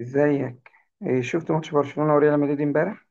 ازيك؟ إيه، شفت ماتش برشلونة وريال مدريد امبارح؟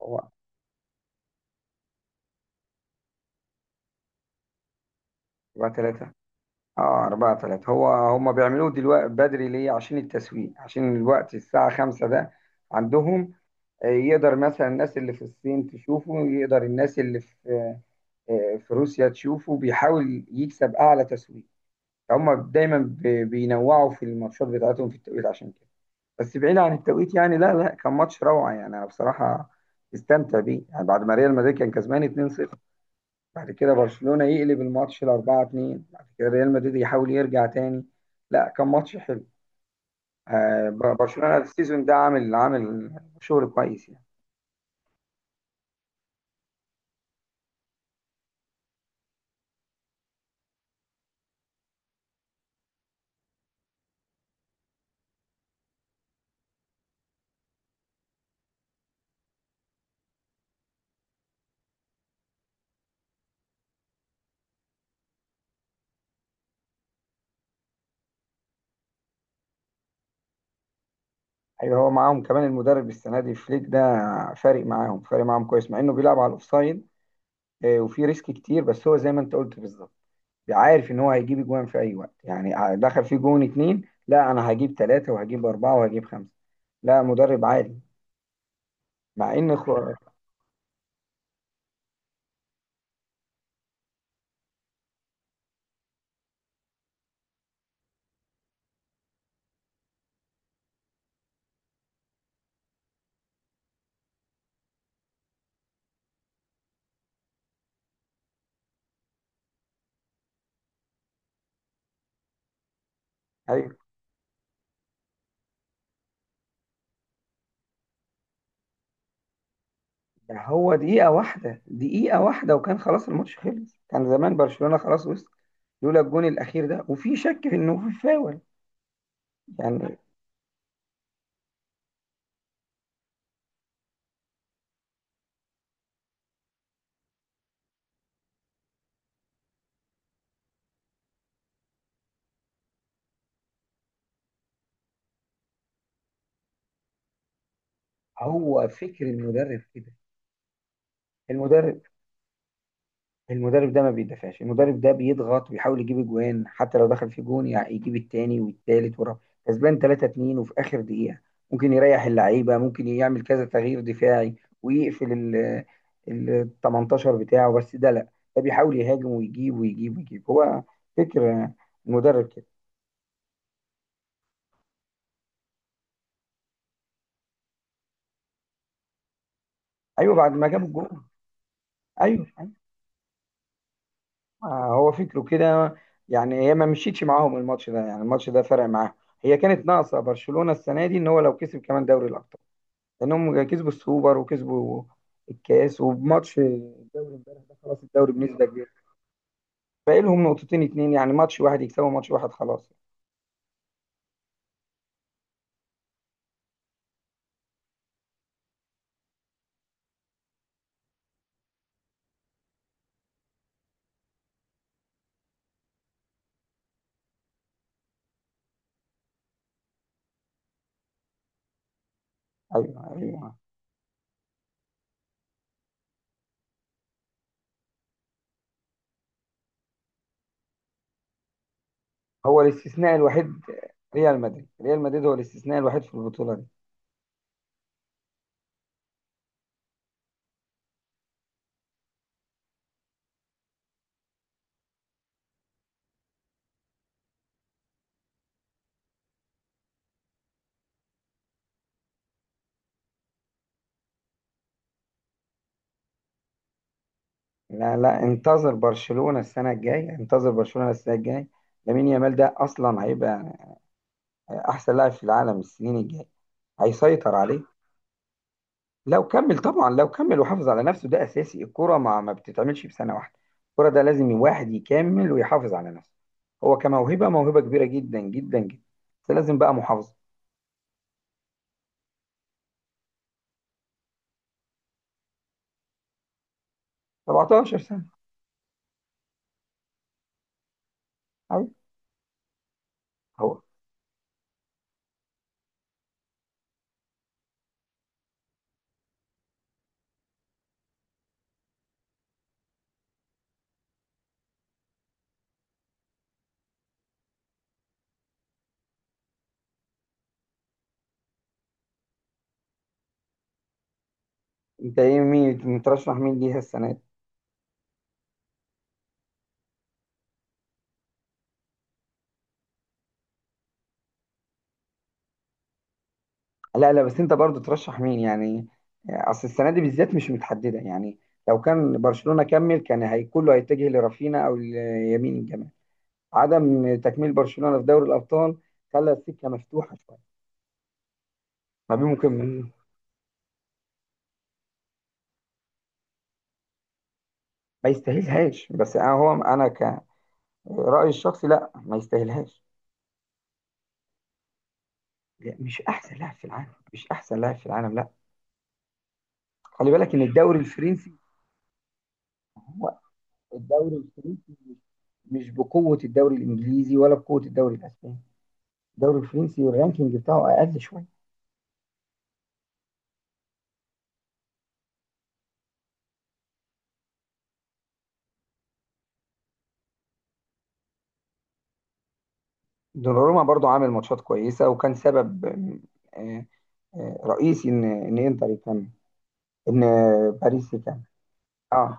هو 4-3. اه، 4-3. هو هم بيعملوه دلوقتي بدري ليه؟ عشان التسويق، عشان الوقت الساعة 5 ده عندهم. آه، يقدر مثلا الناس اللي في الصين تشوفه، يقدر الناس اللي في في روسيا تشوفه، بيحاول يكسب اعلى تسويق. هم دايما بينوعوا في الماتشات بتاعتهم في التوقيت عشان كده. بس بعيد عن التوقيت يعني، لا لا كان ماتش روعة يعني. انا بصراحة استمتع بيه يعني. بعد ما ريال مدريد كان كسبان 2-0، بعد كده برشلونة يقلب الماتش ل 4-2، بعد كده ريال مدريد يحاول يرجع تاني. لا، كان ماتش حلو. برشلونة السيزون ده عامل شغل كويس يعني. ايوه، هو معاهم كمان المدرب السنة دي فليك ده، فارق معاهم كويس مع انه بيلعب على الاوفسايد. وفي ريسك كتير بس هو زي ما انت قلت بالظبط. عارف ان هو هيجيب اجوان في اي وقت يعني، دخل في جون اتنين، لا انا هجيب ثلاثة وهجيب اربعة وهجيب خمسة. لا، مدرب عالي. مع ان ده هو دقيقة واحدة دقيقة واحدة وكان خلاص الماتش خلص، كان زمان برشلونة خلاص وصل لولا الجون الأخير ده، وفي شك في إنه في فاول يعني. هو فكر المدرب كده. المدرب المدرب ده ما بيدافعش، المدرب ده بيضغط ويحاول يجيب اجوان حتى لو دخل في جون، يعني يجيب التاني والتالت والرابع. كسبان 3-2 وفي اخر دقيقة ممكن يريح اللعيبة، ممكن يعمل كذا تغيير دفاعي ويقفل ال 18 بتاعه، بس ده لا، ده بيحاول يهاجم ويجيب ويجيب ويجيب. هو فكر المدرب كده. ايوه، بعد ما جاب الجون. ايوه ايوه. آه، هو فكره كده يعني. هي ما مشيتش معاهم الماتش ده يعني، الماتش ده فرق معاهم. هي كانت ناقصة برشلونة السنة دي ان هو لو كسب كمان دوري الابطال، لانهم كسبوا السوبر وكسبوا الكاس، وبماتش الدوري امبارح ده خلاص الدوري بنسبه كبيره. باقي لهم نقطتين اتنين يعني، ماتش واحد يكسبوا، ماتش واحد خلاص. ايوه ايوه. هو الاستثناء الوحيد، ريال مدريد هو الاستثناء الوحيد في البطوله دي. لا لا انتظر برشلونه السنه الجايه، انتظر برشلونه السنه الجايه. لامين يامال ده اصلا هيبقى احسن لاعب في العالم، السنين الجايه هيسيطر عليه. لو كمل طبعا، لو كمل وحافظ على نفسه، ده اساسي. الكرة ما بتتعملش في سنة واحدة، الكرة ده لازم واحد يكمل ويحافظ على نفسه. هو كموهبة، موهبة كبيرة جدا جدا جدا، بس لازم بقى محافظة. 17 سنة. أيوة. هو، انت ايه، مين مترشح مين ليها السنة دي؟ لا لا بس انت برضو ترشح مين يعني؟ اصل السنة دي بالذات مش متحددة يعني. لو كان برشلونة كمل كان هي كله هيتجه لرافينا او ليمين الجمال. عدم تكميل برشلونة في دوري الابطال خلى السكة مفتوحة شوية ما بين ممكن. ما يستاهلهاش، بس انا هو انا كرأيي الشخصي لا، ما يستاهلهاش. لا، مش احسن لاعب في العالم، مش احسن لاعب في العالم لا. خلي بالك ان الدوري الفرنسي، هو الدوري الفرنسي مش بقوة الدوري الانجليزي ولا بقوة الدوري الاسباني. الدوري الفرنسي الرانكينج بتاعه اقل شوية. دوناروما برضو عامل ماتشات كويسة، وكان سبب آه، رئيسي ان انتر يكمل، ان باريس يكمل. اه.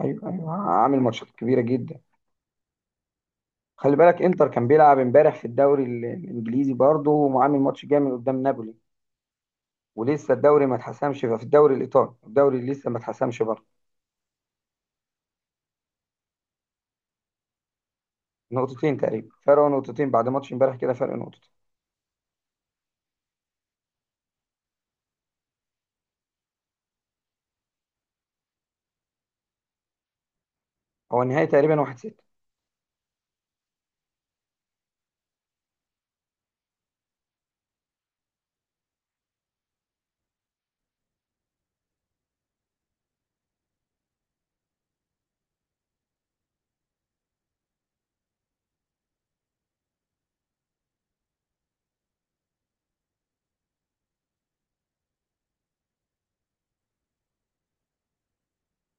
ايوه ايوه، عامل ماتشات كبيرة جدا. خلي بالك انتر كان بيلعب امبارح في الدوري الانجليزي برضه، وعامل ماتش جامد قدام نابولي. ولسه الدوري ما اتحسمش في الدوري الايطالي، الدوري اللي لسه ما اتحسمش برضه. نقطتين تقريبا فرق، نقطتين بعد ماتش امبارح كده، فرق نقطتين. هو النهائي تقريبا 1-6.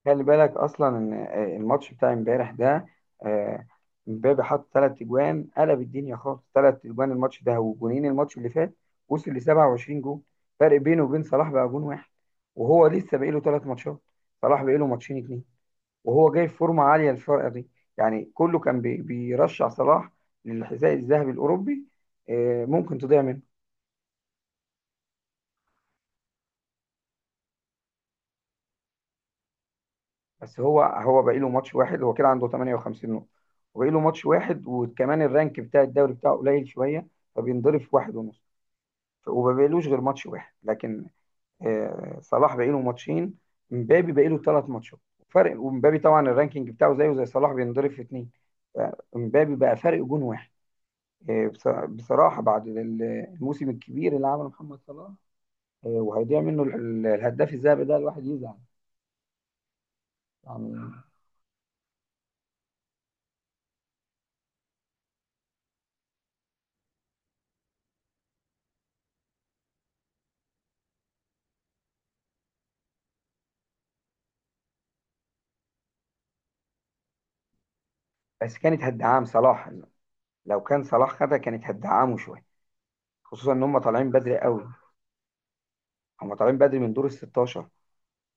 خلي بالك اصلا ان الماتش بتاع امبارح ده، آه، امبابي حط ثلاث اجوان قلب الدنيا خالص، ثلاث اجوان الماتش ده وجونين الماتش اللي فات، وصل ل 27 جون. فرق بينه وبين صلاح بقى جون واحد، وهو لسه باقي له ثلاث ماتشات، صلاح باقي له ماتشين اتنين، وهو جاي في فورمه عاليه الفرقه دي. يعني كله كان بيرشح صلاح للحذاء الذهبي الاوروبي. آه، ممكن تضيع منه. بس هو باقي له ماتش واحد، هو كده عنده 58 نقطه، وباقي له ماتش واحد، وكمان الرانك بتاع الدوري بتاعه قليل شويه، فبينضرب في واحد ونص. وما بقالوش غير ماتش واحد. لكن آه، صلاح باقي له ماتشين، مبابي باقي له ثلاث ماتشات فرق، ومبابي طبعا الرانكينج بتاعه زيه زي صلاح بينضرب في اثنين. مبابي بقى فرق جون واحد. آه، بصراحة بعد الموسم الكبير اللي عمله محمد صلاح، آه، وهيضيع منه الهداف الذهبي ده، الواحد يزعل يعني. بس كانت هدعام صلاح، لو كان صلاح خدها كانت هدعامه شوية، خصوصا ان هم طالعين بدري قوي. هم طالعين بدري من دور ال 16.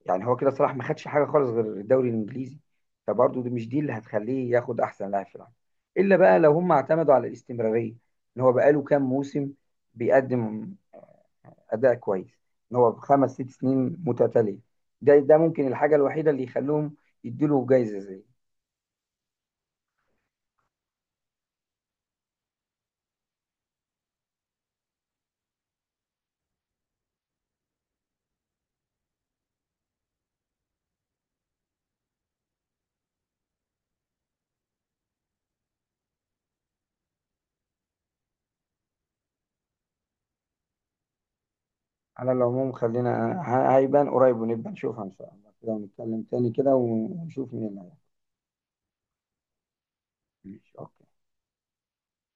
يعني هو كده صلاح ما خدش حاجة خالص غير الدوري الانجليزي، فبرضه دي مش دي اللي هتخليه ياخد احسن لاعب في العالم. الا بقى لو هم اعتمدوا على الاستمرارية، ان هو بقاله كام موسم بيقدم اداء كويس، ان هو بخمس ست سنين متتاليه، ده ممكن الحاجه الوحيده اللي يخلوهم يديله جايزه زي. على العموم، خلينا هيبان قريب ونبقى نشوفها ان شاء الله كده، ونتكلم تاني كده ونشوف مين اللي هيحصل. ماشي، أوكي.